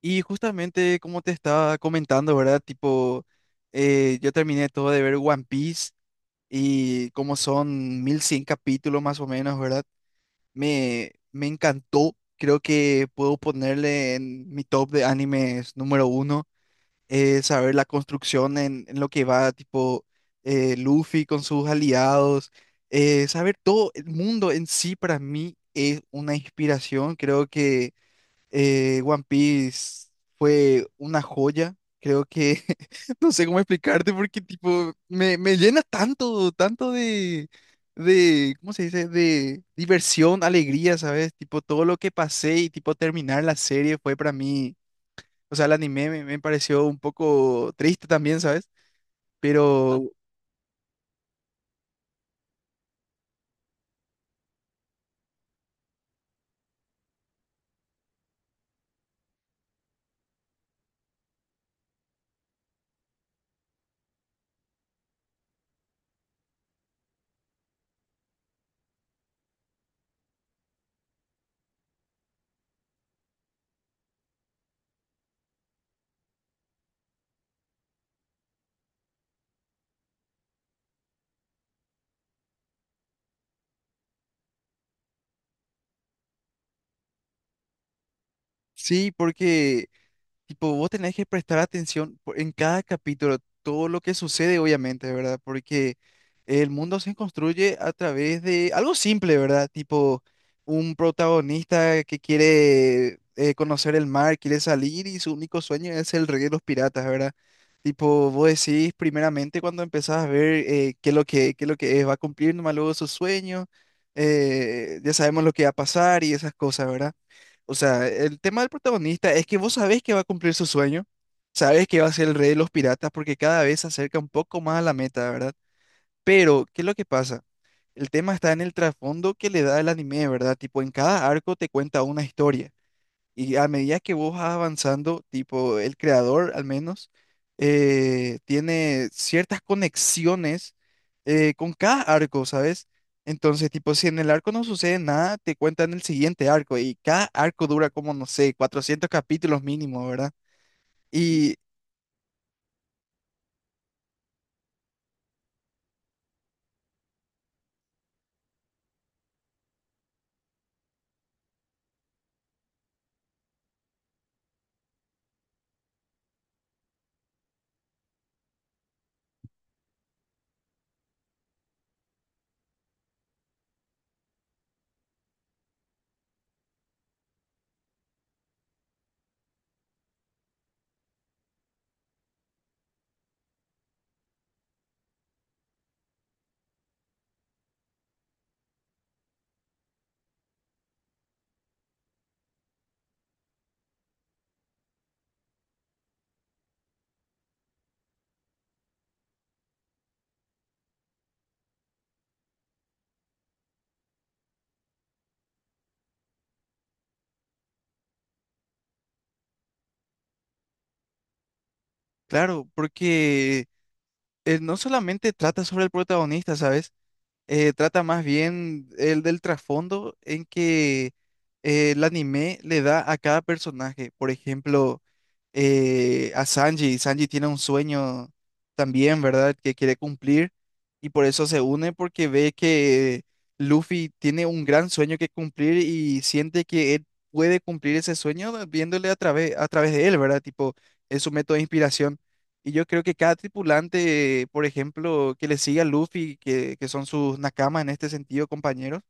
Y justamente como te estaba comentando, ¿verdad? Tipo, yo terminé todo de ver One Piece y como son 1100 capítulos más o menos, ¿verdad? Me encantó. Creo que puedo ponerle en mi top de animes número uno. Saber la construcción en lo que va, tipo, Luffy con sus aliados. Saber todo el mundo en sí para mí es una inspiración. Creo que One Piece fue una joya. Creo que no sé cómo explicarte porque tipo me llena tanto, tanto ¿cómo se dice? De diversión, alegría, ¿sabes? Tipo todo lo que pasé y tipo terminar la serie fue para mí, o sea, el anime me pareció un poco triste también, ¿sabes? Pero sí, porque tipo, vos tenés que prestar atención en cada capítulo, todo lo que sucede, obviamente, ¿verdad? Porque el mundo se construye a través de algo simple, ¿verdad? Tipo, un protagonista que quiere conocer el mar, quiere salir y su único sueño es el rey de los piratas, ¿verdad? Tipo, vos decís primeramente cuando empezás a ver qué es lo que, qué es lo que es, va a cumplir nomás luego su sueño, ya sabemos lo que va a pasar y esas cosas, ¿verdad? O sea, el tema del protagonista es que vos sabés que va a cumplir su sueño, sabés que va a ser el rey de los piratas porque cada vez se acerca un poco más a la meta, ¿verdad? Pero, ¿qué es lo que pasa? El tema está en el trasfondo que le da el anime, ¿verdad? Tipo, en cada arco te cuenta una historia. Y a medida que vos vas avanzando, tipo el creador al menos, tiene ciertas conexiones con cada arco, ¿sabes? Entonces, tipo, si en el arco no sucede nada, te cuentan el siguiente arco y cada arco dura como, no sé, 400 capítulos mínimo, ¿verdad? Y claro, porque no solamente trata sobre el protagonista, ¿sabes? Trata más bien el del trasfondo en que el anime le da a cada personaje. Por ejemplo, a Sanji. Sanji tiene un sueño también, ¿verdad? Que quiere cumplir y por eso se une porque ve que Luffy tiene un gran sueño que cumplir y siente que él puede cumplir ese sueño viéndole a través de él, ¿verdad? Tipo, es su método de inspiración. Y yo creo que cada tripulante, por ejemplo, que le sigue a Luffy, que son sus nakamas en este sentido, compañeros,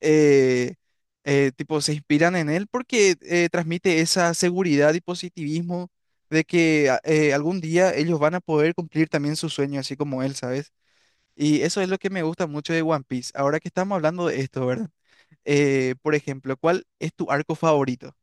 eh, tipo, se inspiran en él porque transmite esa seguridad y positivismo de que algún día ellos van a poder cumplir también su sueño, así como él, ¿sabes? Y eso es lo que me gusta mucho de One Piece. Ahora que estamos hablando de esto, ¿verdad? Por ejemplo, ¿cuál es tu arco favorito?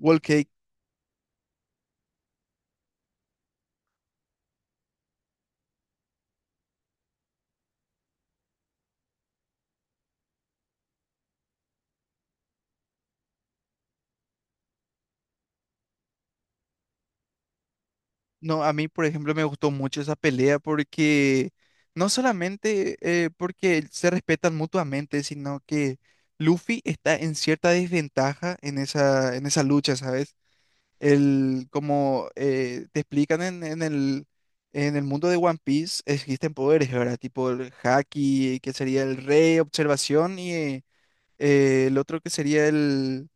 Wall Cake. No, a mí, por ejemplo, me gustó mucho esa pelea porque no solamente porque se respetan mutuamente, sino que Luffy está en cierta desventaja en esa lucha, ¿sabes? El, como te explican en el mundo de One Piece, existen poderes, ¿verdad? Tipo el Haki, que sería el Rey, Observación, y el otro que sería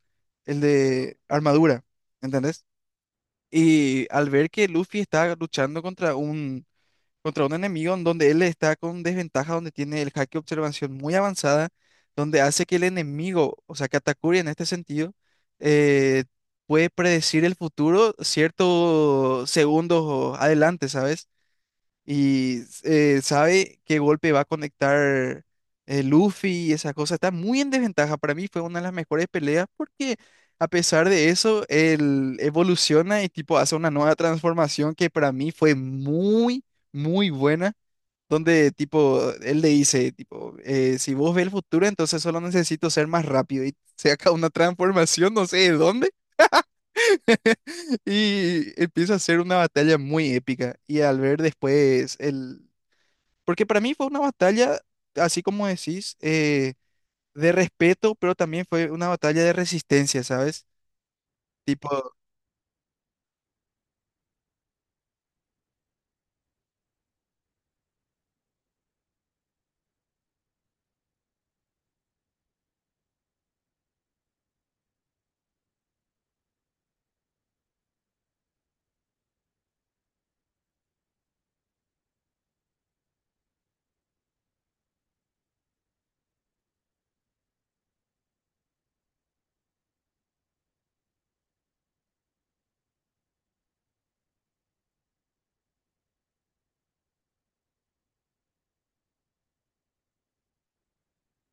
el de Armadura, ¿entendés? Y al ver que Luffy está luchando contra un enemigo en donde él está con desventaja, donde tiene el haki de observación muy avanzada, donde hace que el enemigo, o sea, Katakuri en este sentido, eh, puede predecir el futuro ciertos segundos adelante, ¿sabes? Y sabe qué golpe va a conectar Luffy y esa cosa. Está muy en desventaja. Para mí fue una de las mejores peleas porque a pesar de eso, él evoluciona y tipo hace una nueva transformación que para mí fue muy, muy buena. Donde tipo, él le dice, tipo, si vos ves el futuro, entonces solo necesito ser más rápido. Y se saca una transformación, no sé de dónde, y empieza a ser una batalla muy épica. Y al ver después el porque para mí fue una batalla, así como decís, de respeto, pero también fue una batalla de resistencia, ¿sabes? Tipo,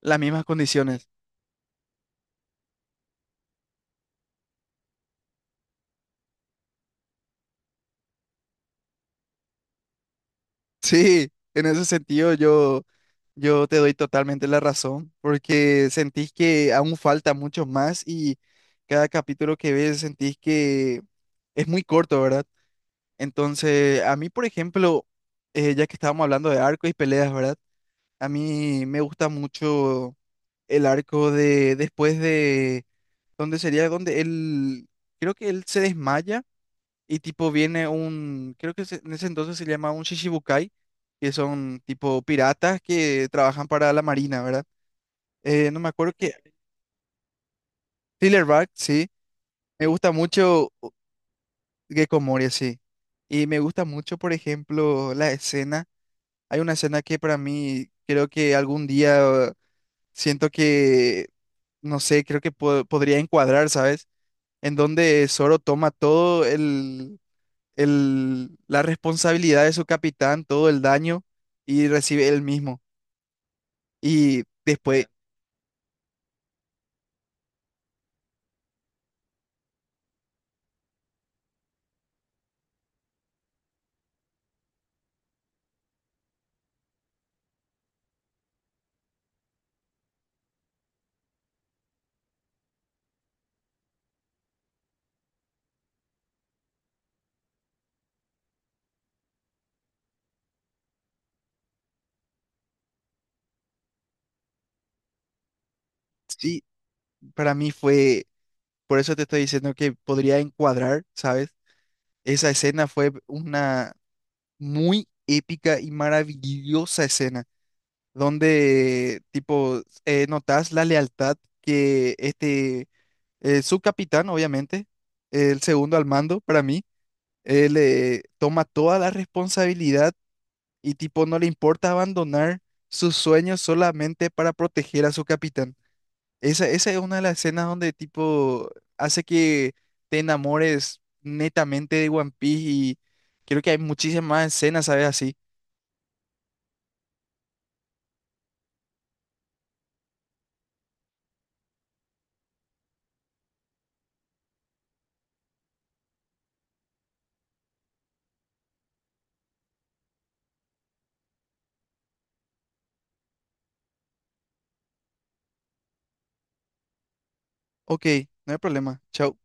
las mismas condiciones. Sí, en ese sentido yo, yo te doy totalmente la razón, porque sentís que aún falta mucho más y cada capítulo que ves sentís que es muy corto, ¿verdad? Entonces, a mí, por ejemplo, ya que estábamos hablando de arcos y peleas, ¿verdad? A mí me gusta mucho el arco de después de donde sería donde él creo que él se desmaya y tipo viene un creo que en ese entonces se llama un Shishibukai que son tipo piratas que trabajan para la marina, ¿verdad? No me acuerdo que Silverback, sí. Me gusta mucho Gecko Moria, sí. Y me gusta mucho, por ejemplo, la escena. Hay una escena que para mí creo que algún día siento que no sé, creo que podría encuadrar, ¿sabes? En donde Zoro toma todo la responsabilidad de su capitán, todo el daño y recibe él mismo. Y después, sí, para mí fue, por eso te estoy diciendo que podría encuadrar, ¿sabes? Esa escena fue una muy épica y maravillosa escena, donde tipo, notas la lealtad que este su capitán, obviamente, el segundo al mando para mí, él toma toda la responsabilidad y tipo no le importa abandonar sus sueños solamente para proteger a su capitán. Esa es una de las escenas donde tipo hace que te enamores netamente de One Piece y creo que hay muchísimas más escenas, ¿sabes? Así. Ok, no hay problema. Chao.